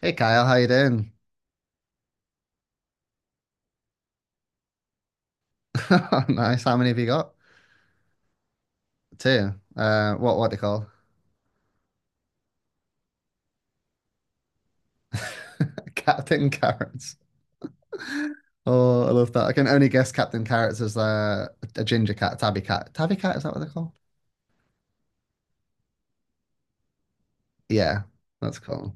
Hey Kyle, how you doing? Nice. How many have you got? Two. What they call? Captain Carrots. Oh, I love that. I can only guess Captain Carrots as a ginger cat, tabby cat. Tabby cat, is that what they're called? Yeah, that's cool.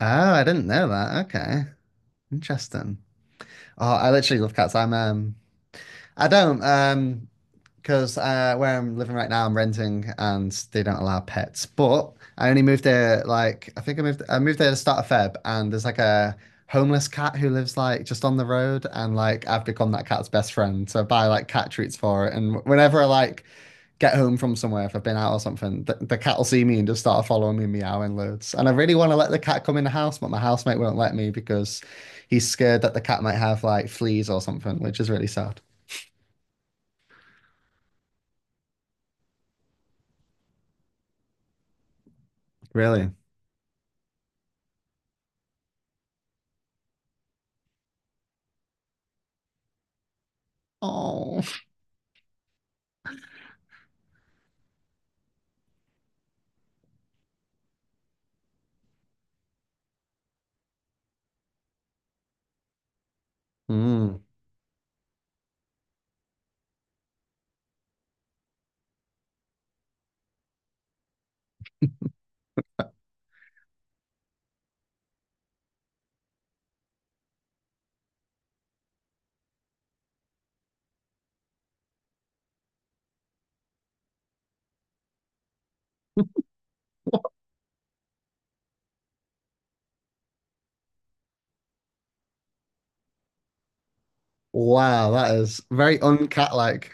Oh, I didn't know that. Okay. Interesting. Oh, I literally love cats. I don't Because where I'm living right now, I'm renting and they don't allow pets. But I only moved there like I think I moved there to start of Feb, and there's like a homeless cat who lives like just on the road, and like I've become that cat's best friend. So I buy like cat treats for it, and whenever I like get home from somewhere, if I've been out or something, the cat will see me and just start following me, meowing loads. And I really want to let the cat come in the house, but my housemate won't let me because he's scared that the cat might have like fleas or something, which is really sad. Really. Oh. Mm. Wow, that is very uncat-like.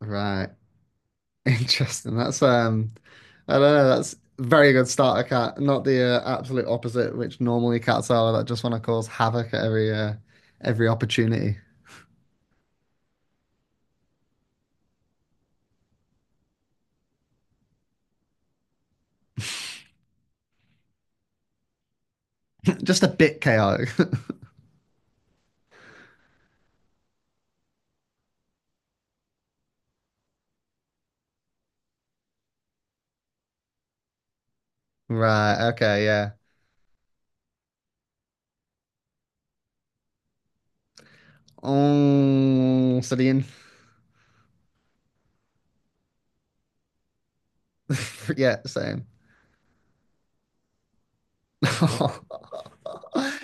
Right. Interesting. That's I don't know, that's very good starter cat, not the absolute opposite, which normally cats are that just want to cause havoc at every opportunity. Just a bit chaotic. Right, okay, yeah. Oh, so the in yeah, same.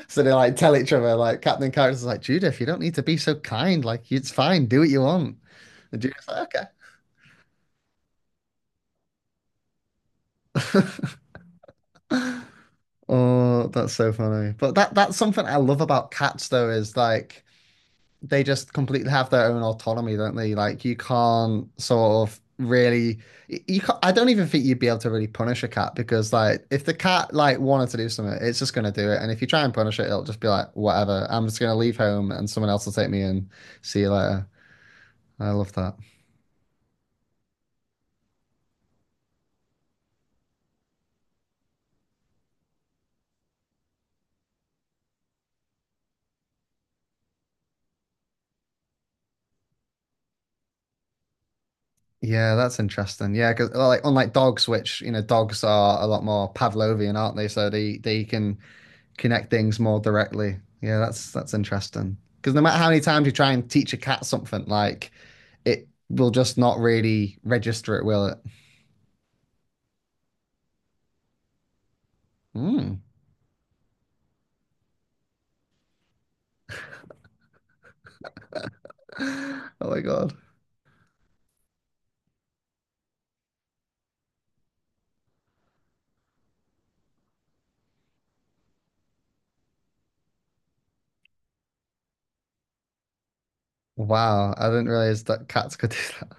So they like tell each other, like Captain Character's like, Judith, you don't need to be so kind, like it's fine, do what you want. And Judith's like, okay. Oh, that's so funny. But that's something I love about cats though is like they just completely have their own autonomy, don't they? Like you can't sort of really you can't, I don't even think you'd be able to really punish a cat because like if the cat like wanted to do something, it's just gonna do it. And if you try and punish it, it'll just be like, whatever, I'm just gonna leave home and someone else will take me in. See you later. I love that. Yeah, that's interesting. Yeah, because like unlike dogs, which you know, dogs are a lot more Pavlovian, aren't they? So they can connect things more directly. Yeah, that's interesting. Because no matter how many times you try and teach a cat something, like it will just not really register it, will it? Mm. Oh my God. Wow, I didn't realize that cats could do that.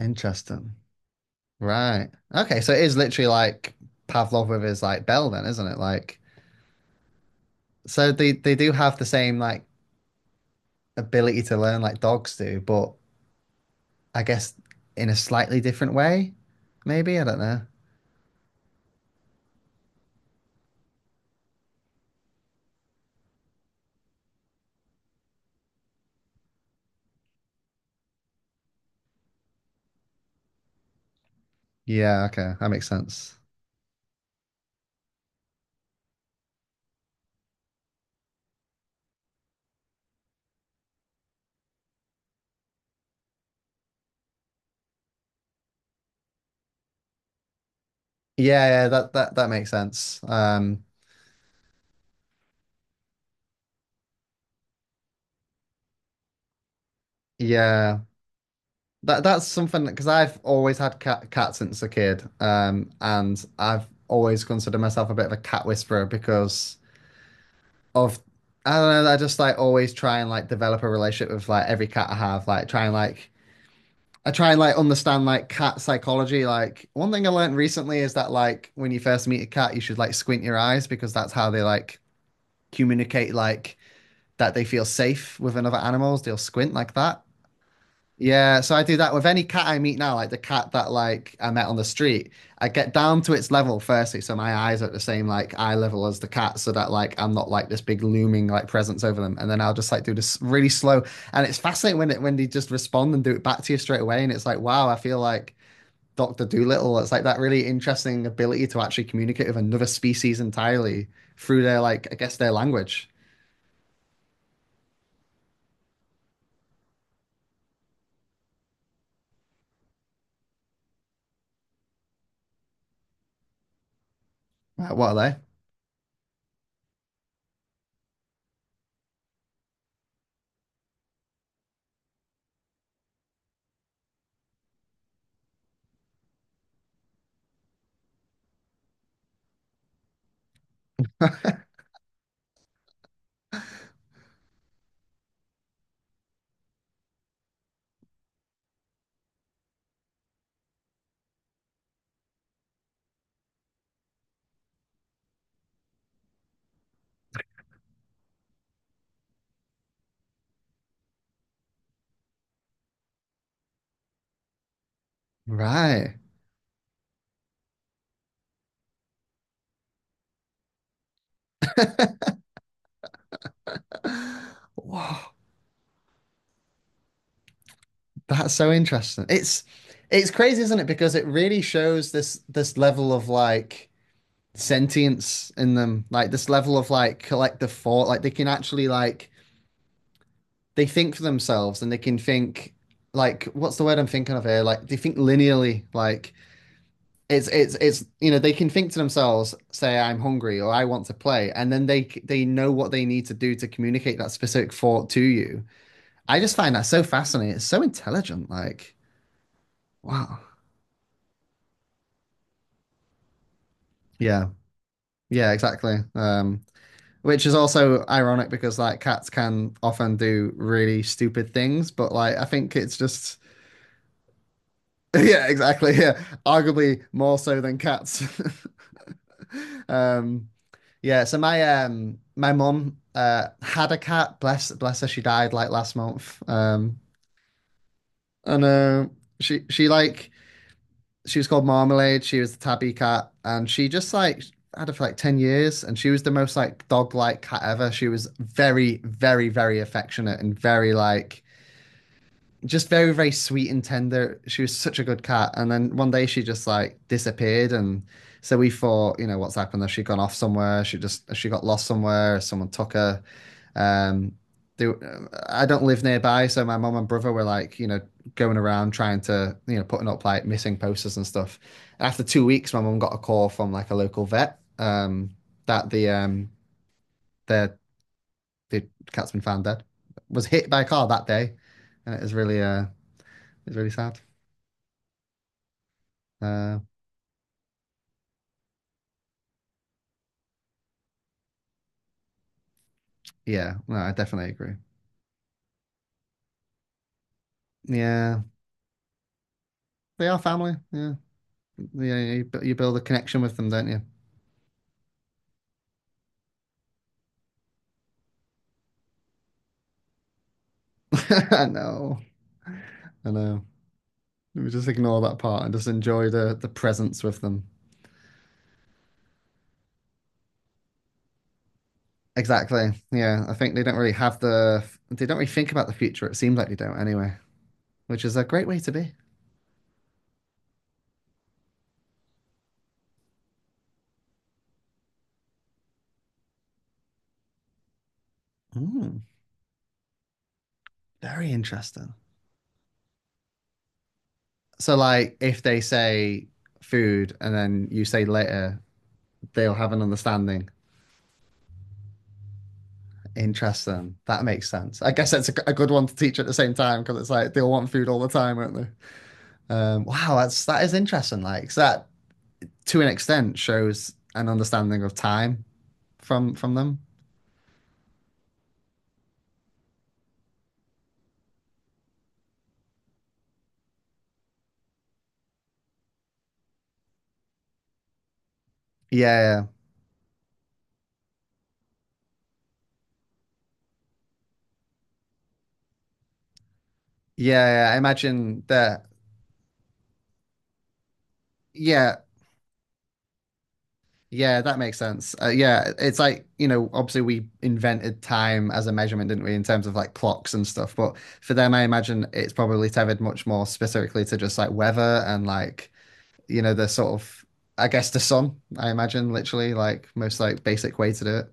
Interesting. Right. Okay, so it is literally like Pavlov with his like bell then, isn't it? Like so they do have the same like ability to learn like dogs do, but I guess in a slightly different way, maybe. I don't know. Yeah, okay. That makes sense. Yeah, yeah, that that makes sense. Yeah. That's something because I've always had cats since a kid. Um, and I've always considered myself a bit of a cat whisperer because of I don't know, I just like always try and like develop a relationship with like every cat I have, like try and like I try and like understand like cat psychology. Like one thing I learned recently is that like when you first meet a cat, you should like squint your eyes because that's how they like communicate like that they feel safe with another animals. They'll squint like that. Yeah, so I do that with any cat I meet now, like the cat that like I met on the street. I get down to its level firstly, so my eyes are at the same like eye level as the cat, so that like I'm not like this big looming like presence over them. And then I'll just like do this really slow, and it's fascinating when it when they just respond and do it back to you straight away. And it's like, wow, I feel like Doctor Dolittle. It's like that really interesting ability to actually communicate with another species entirely through their like I guess their language. Right, what are they? Right. Wow. That's so interesting. It's crazy, isn't it? Because it really shows this level of like sentience in them, like this level of like collective thought. Like they can actually like they think for themselves and they can think like what's the word I'm thinking of here? Like they think linearly. Like it's you know they can think to themselves, say I'm hungry or I want to play, and then they know what they need to do to communicate that specific thought to you. I just find that so fascinating. It's so intelligent. Like wow, yeah. Yeah, exactly. Which is also ironic because like cats can often do really stupid things, but like I think it's just yeah, exactly. Yeah, arguably more so than cats. Um, yeah. So my my mum had a cat. Bless her. She died like last month. And she she was called Marmalade. She was the tabby cat, and she just like had her for like 10 years and she was the most like dog like cat ever. She was very, very, very affectionate and very like just very, very sweet and tender. She was such a good cat. And then one day she just like disappeared. And so we thought, you know, what's happened? Has she gone off somewhere? She just, she got lost somewhere? Someone took her. Um, they, I don't live nearby, so my mum and brother were like, you know, going around trying to, you know, putting up like missing posters and stuff. And after 2 weeks, my mum got a call from like a local vet that the the the cat's been found dead, was hit by a car that day, and it was really it's really sad. Uh, yeah, no, I definitely agree. Yeah, they are family. Yeah, yeah, you build a connection with them, don't you? I know, I know. Let me just ignore that part and just enjoy the presence with them. Exactly. Yeah, I think they don't really have the they don't really think about the future. It seems like they don't anyway, which is a great way to be. Mm, very interesting. So like if they say food and then you say later, they'll have an understanding. Interesting. That makes sense. I guess that's a good one to teach at the same time because it's like they'll want food all the time, won't they? Wow, that is interesting. Like 'cause that to an extent shows an understanding of time from them. Yeah, yeah, yeah. I imagine that. Yeah, yeah, that makes sense. Yeah, it's like you know, obviously we invented time as a measurement, didn't we, in terms of like clocks and stuff. But for them, I imagine it's probably tethered much more specifically to just like weather and like you know the sort of I guess the sun. I imagine literally like most like basic way to do it.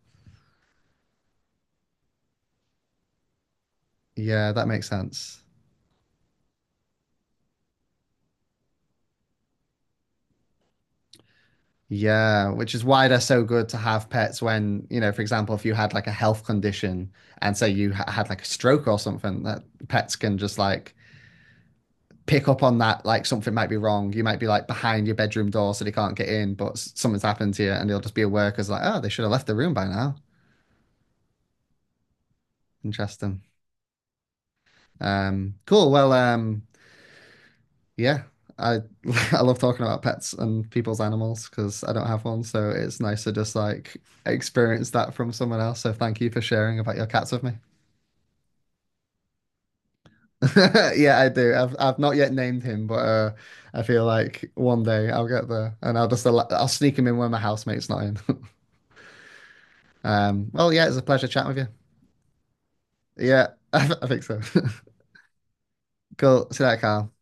Yeah, that makes sense. Yeah, which is why they're so good to have pets when, you know, for example, if you had like a health condition and say you had like a stroke or something, that pets can just like pick up on that, like something might be wrong. You might be like behind your bedroom door so they can't get in, but something's happened to you and they'll just be aware because like, oh, they should have left the room by now. Interesting. Cool. Well, yeah, I I love talking about pets and people's animals because I don't have one, so it's nice to just like experience that from someone else. So thank you for sharing about your cats with me. Yeah, I do. I've not yet named him, but I feel like one day I'll get there and I'll just allow, I'll sneak him in when my housemate's not in. Well, yeah, it's a pleasure chatting with you. Yeah, I think so. Cool. See you later, Carl.